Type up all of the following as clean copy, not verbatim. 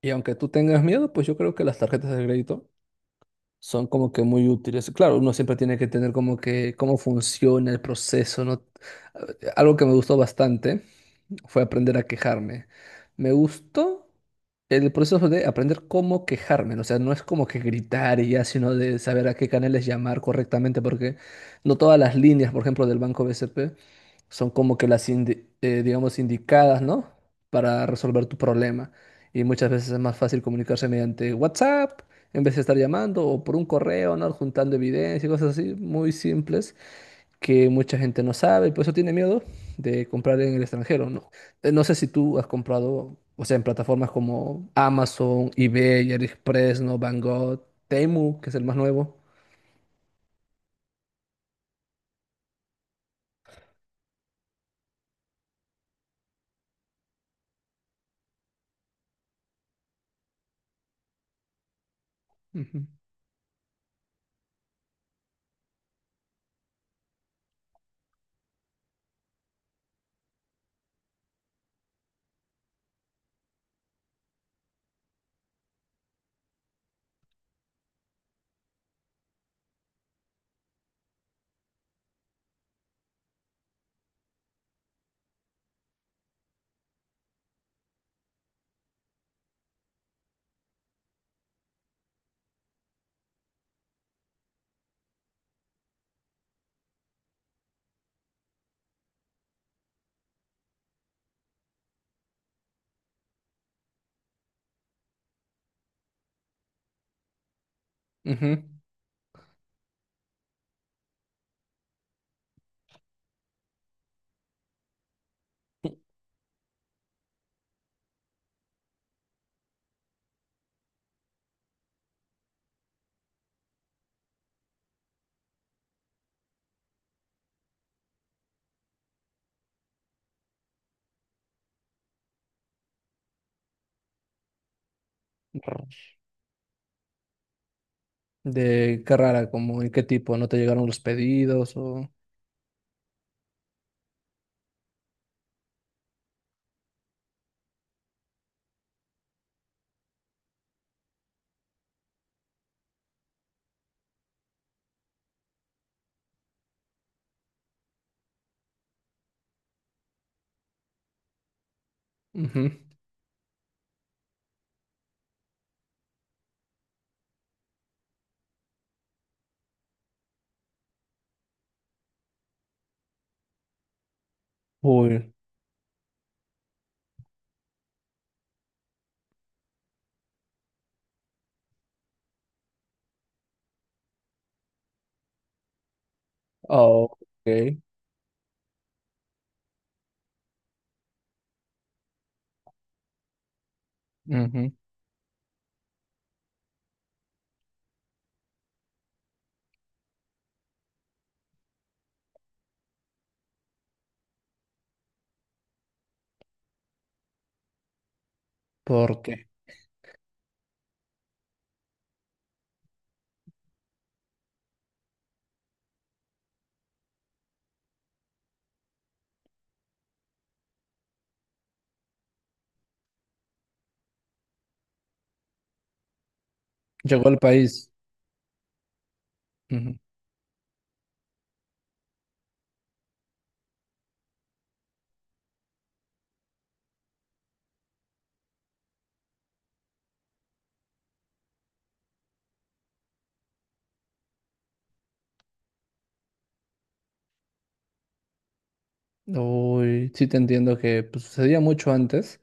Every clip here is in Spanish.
Y aunque tú tengas miedo, pues yo creo que las tarjetas de crédito son como que muy útiles. Claro, uno siempre tiene que tener como que cómo funciona el proceso, ¿no? Algo que me gustó bastante fue aprender a quejarme. Me gustó el proceso de aprender cómo quejarme, ¿no? O sea, no es como que gritar y ya, sino de saber a qué canales llamar correctamente, porque no todas las líneas, por ejemplo, del Banco BCP son como que las, digamos, indicadas, ¿no? Para resolver tu problema. Y muchas veces es más fácil comunicarse mediante WhatsApp, en vez de estar llamando o por un correo, ¿no? Juntando evidencia y cosas así, muy simples que mucha gente no sabe y por eso tiene miedo de comprar en el extranjero, ¿no? No sé si tú has comprado, o sea, en plataformas como Amazon, eBay, AliExpress, ¿no? Banggood, Temu, que es el más nuevo. Ujú. Ujú. ¿De qué rara? Como en qué tipo? ¿No te llegaron los pedidos o...? Ujú. Uy, ah, ok. Ujú. ¿Por qué? Llegó al país. Uy, sí te entiendo, que pues sucedía mucho antes,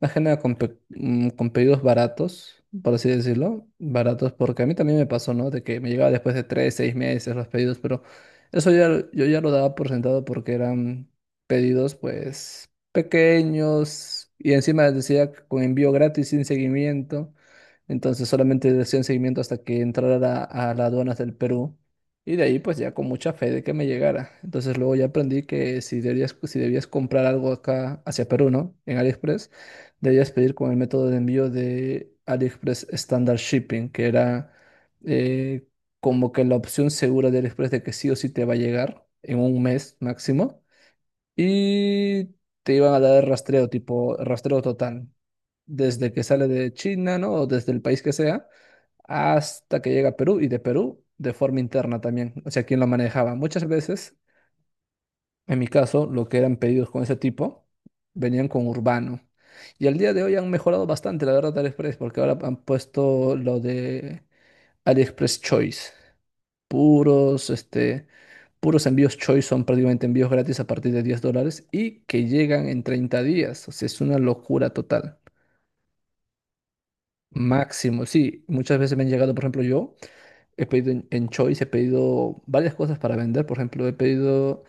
más que nada con, con pedidos baratos, por así decirlo. Baratos porque a mí también me pasó, ¿no? De que me llegaba después de 3, 6 meses los pedidos, pero eso ya, yo ya lo daba por sentado porque eran pedidos pues pequeños y encima decía con envío gratis sin seguimiento, entonces solamente decían seguimiento hasta que entrara a las aduanas del Perú. Y de ahí pues ya con mucha fe de que me llegara. Entonces luego ya aprendí que si debías comprar algo acá hacia Perú, ¿no? En AliExpress, debías pedir con el método de envío de AliExpress Standard Shipping, que era eh, como que la opción segura de AliExpress de que sí o sí te va a llegar en un mes máximo y te iban a dar rastreo, tipo rastreo total, desde que sale de China, ¿no? O desde el país que sea, hasta que llega a Perú y de Perú de forma interna también, o sea, quién lo manejaba. Muchas veces, en mi caso, lo que eran pedidos con ese tipo venían con Urbano. Y al día de hoy han mejorado bastante, la verdad, AliExpress, porque ahora han puesto lo de AliExpress Choice, puros, este, puros envíos Choice. Son prácticamente envíos gratis a partir de 10 dólares y que llegan en 30 días. O sea, es una locura total. Máximo, sí. Muchas veces me han llegado. Por ejemplo, yo he pedido en Choice, he pedido varias cosas para vender. Por ejemplo, he pedido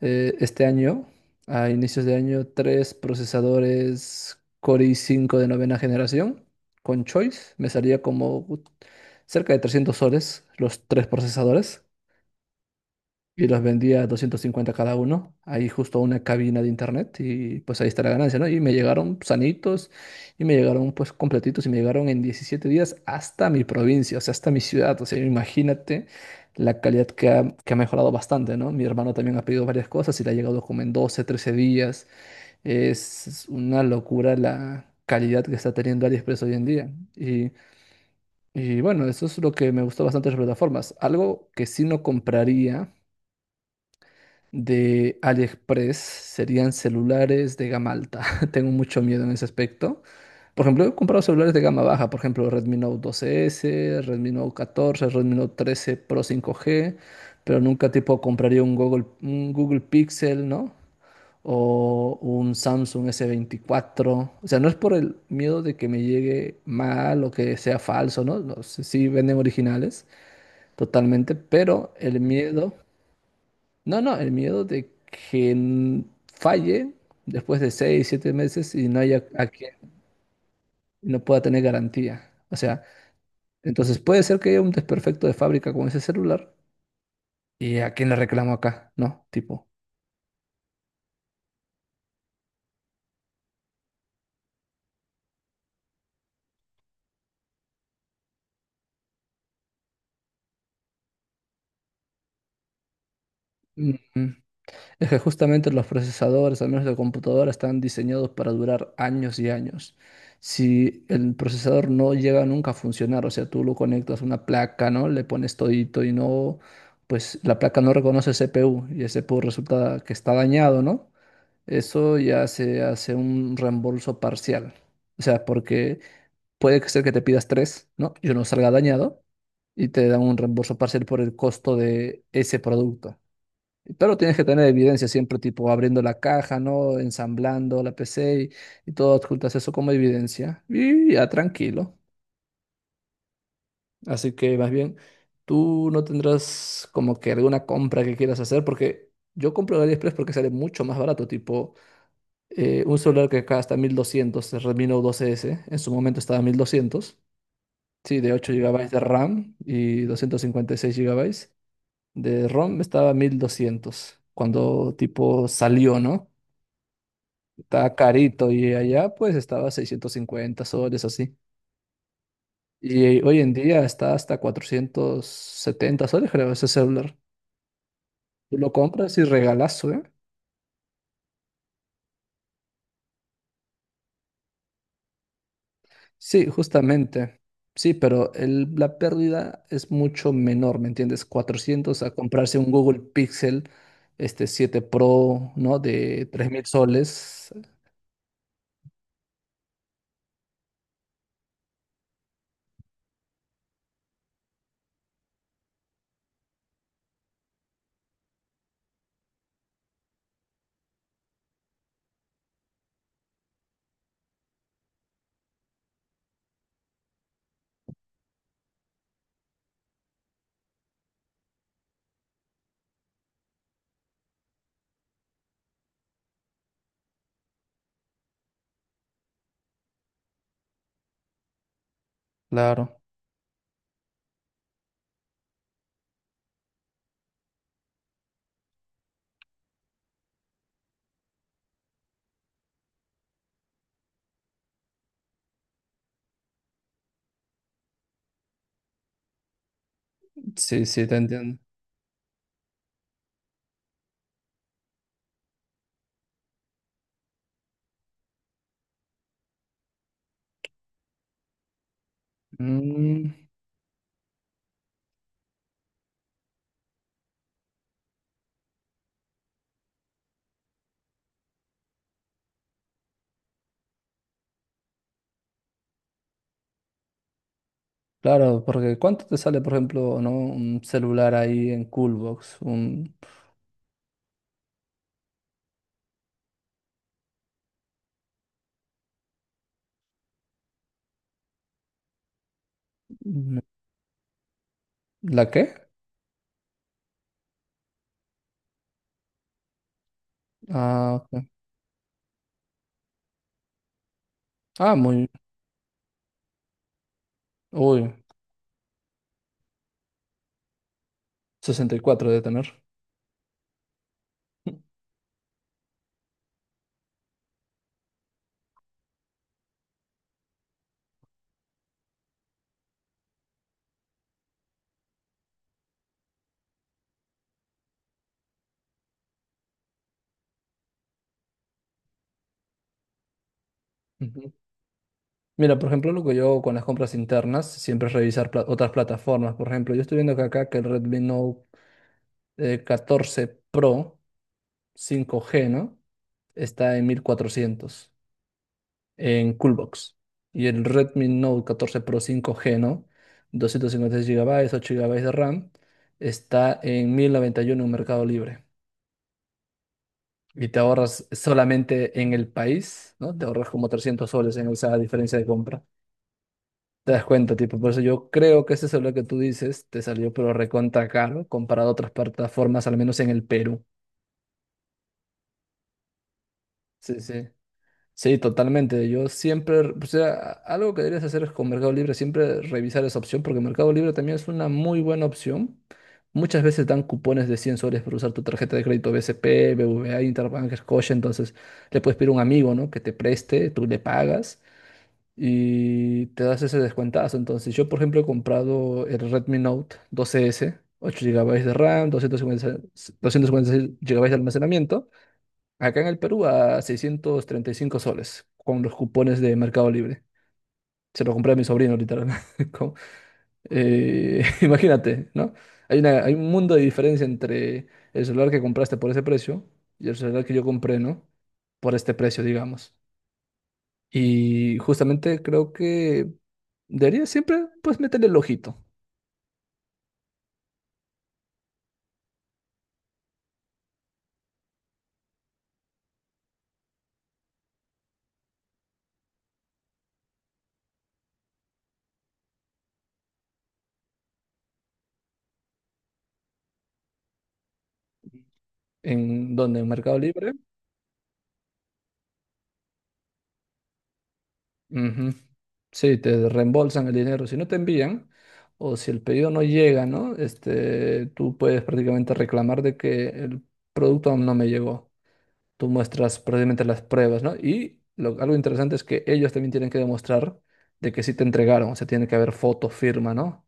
este año, a inicios de año, tres procesadores Core i5 de novena generación con Choice. Me salía como cerca de 300 soles los tres procesadores. Y los vendía 250 cada uno, ahí justo a una cabina de internet, y pues ahí está la ganancia, ¿no? Y me llegaron sanitos y me llegaron pues completitos y me llegaron en 17 días hasta mi provincia, o sea, hasta mi ciudad. O sea, imagínate la calidad que ha mejorado bastante, ¿no? Mi hermano también ha pedido varias cosas y le ha llegado como en 12, 13 días. Es una locura la calidad que está teniendo AliExpress hoy en día y... Y bueno, eso es lo que me gustó bastante de las plataformas. Algo que sí no compraría de AliExpress serían celulares de gama alta. Tengo mucho miedo en ese aspecto. Por ejemplo, he comprado celulares de gama baja, por ejemplo, Redmi Note 12S, Redmi Note 14, Redmi Note 13 Pro 5G, pero nunca tipo compraría un Google Pixel, ¿no? O un Samsung S24. O sea, no es por el miedo de que me llegue mal o que sea falso, ¿no? No sé, sí venden originales, totalmente, pero el miedo, no, no, el miedo de que falle después de 6, 7 meses y no haya a quien, no pueda tener garantía. O sea, entonces puede ser que haya un desperfecto de fábrica con ese celular y a quién le reclamo acá, ¿no? Tipo, es que justamente los procesadores, al menos de computadora, están diseñados para durar años y años. Si el procesador no llega nunca a funcionar, o sea, tú lo conectas a una placa, ¿no? Le pones todito y no, pues la placa no reconoce CPU y el CPU resulta que está dañado, ¿no? Eso ya se hace un reembolso parcial. O sea, porque puede que sea que te pidas tres, ¿no? Y uno salga dañado y te dan un reembolso parcial por el costo de ese producto. Pero tienes que tener evidencia siempre, tipo abriendo la caja, ¿no? Ensamblando la PC y todo, adjuntas eso como evidencia. Y ya tranquilo. Así que más bien, tú no tendrás como que alguna compra que quieras hacer, porque yo compro en AliExpress porque sale mucho más barato. Tipo un celular que acá 1200 el Redmi Note 12S, en su momento estaba 1200, sí, de 8 gigabytes de RAM y 256 gigabytes de ROM, estaba 1200 cuando tipo salió, ¿no? Está carito, y allá pues estaba 650 soles así. Y hoy en día está hasta 470 soles, creo, ese celular. Tú lo compras y regalazo, ¿eh? Sí, justamente. Sí, pero la pérdida es mucho menor, ¿me entiendes? 400 a comprarse un Google Pixel 7 Pro, ¿no? De 3000 soles. Claro. Sí, sí, te entiendo. Mm, Claro, porque ¿cuánto te sale, por ejemplo, ¿no?, un celular ahí en Coolbox? Un... un- ¿La qué? Ah, ok. Ah, muy... Uy, 64 debe tener. Ujú. Mira, por ejemplo, lo que yo hago con las compras internas siempre es revisar otras plataformas. Por ejemplo, yo estoy viendo que acá que el Redmi Note 14 Pro 5G, ¿no? Está en 1400 en Coolbox. Y el Redmi Note 14 Pro 5G, ¿no?, 256 gigabytes, 8 gigabytes de RAM, está en 1091 en Mercado Libre. Y te ahorras solamente en el país, ¿no? Te ahorras como 300 soles en esa diferencia de compra. Te das cuenta, tipo, por eso yo creo que ese celular que tú dices te salió pero recontra caro comparado a otras plataformas, al menos en el Perú. Sí, sí. Sí, totalmente. Yo siempre, o sea, algo que deberías hacer es con Mercado Libre, siempre revisar esa opción, porque Mercado Libre también es una muy buena opción. Muchas veces dan cupones de 100 soles por usar tu tarjeta de crédito BCP, BBVA, Interbank, Scotia, entonces le puedes pedir a un amigo, ¿no? Que te preste, tú le pagas y te das ese descuentazo. Entonces yo, por ejemplo, he comprado el Redmi Note 12S, 8 GB de RAM, 256 256 GB de almacenamiento. Acá en el Perú a 635 soles con los cupones de Mercado Libre. Se lo compré a mi sobrino, literal. Con- imagínate, ¿no? Hay un mundo de diferencia entre el celular que compraste por ese precio y el celular que yo compré, ¿no? Por este precio, digamos. Y justamente creo que debería siempre, pues, meterle el ojito. ¿En donde en Mercado Libre. Ujú. Sí, te reembolsan el dinero. Si no te envían, o si el pedido no llega, ¿no? Este, tú puedes prácticamente reclamar de que el producto aún no me llegó. Tú muestras prácticamente las pruebas, ¿no? Y algo interesante es que ellos también tienen que demostrar de que sí te entregaron. O sea, tiene que haber foto, firma, ¿no?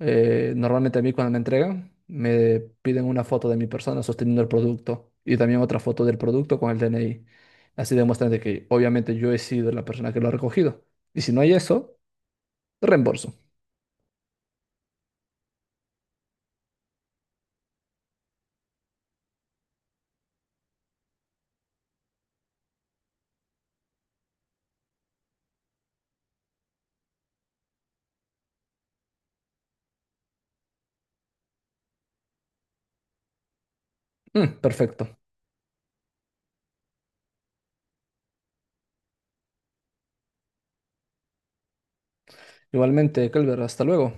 Normalmente a mí cuando me entregan me piden una foto de mi persona sosteniendo el producto y también otra foto del producto con el DNI. Así demuestran de que obviamente yo he sido la persona que lo ha recogido. Y si no hay eso, reembolso. Mm, perfecto. Igualmente, Kelber, hasta luego.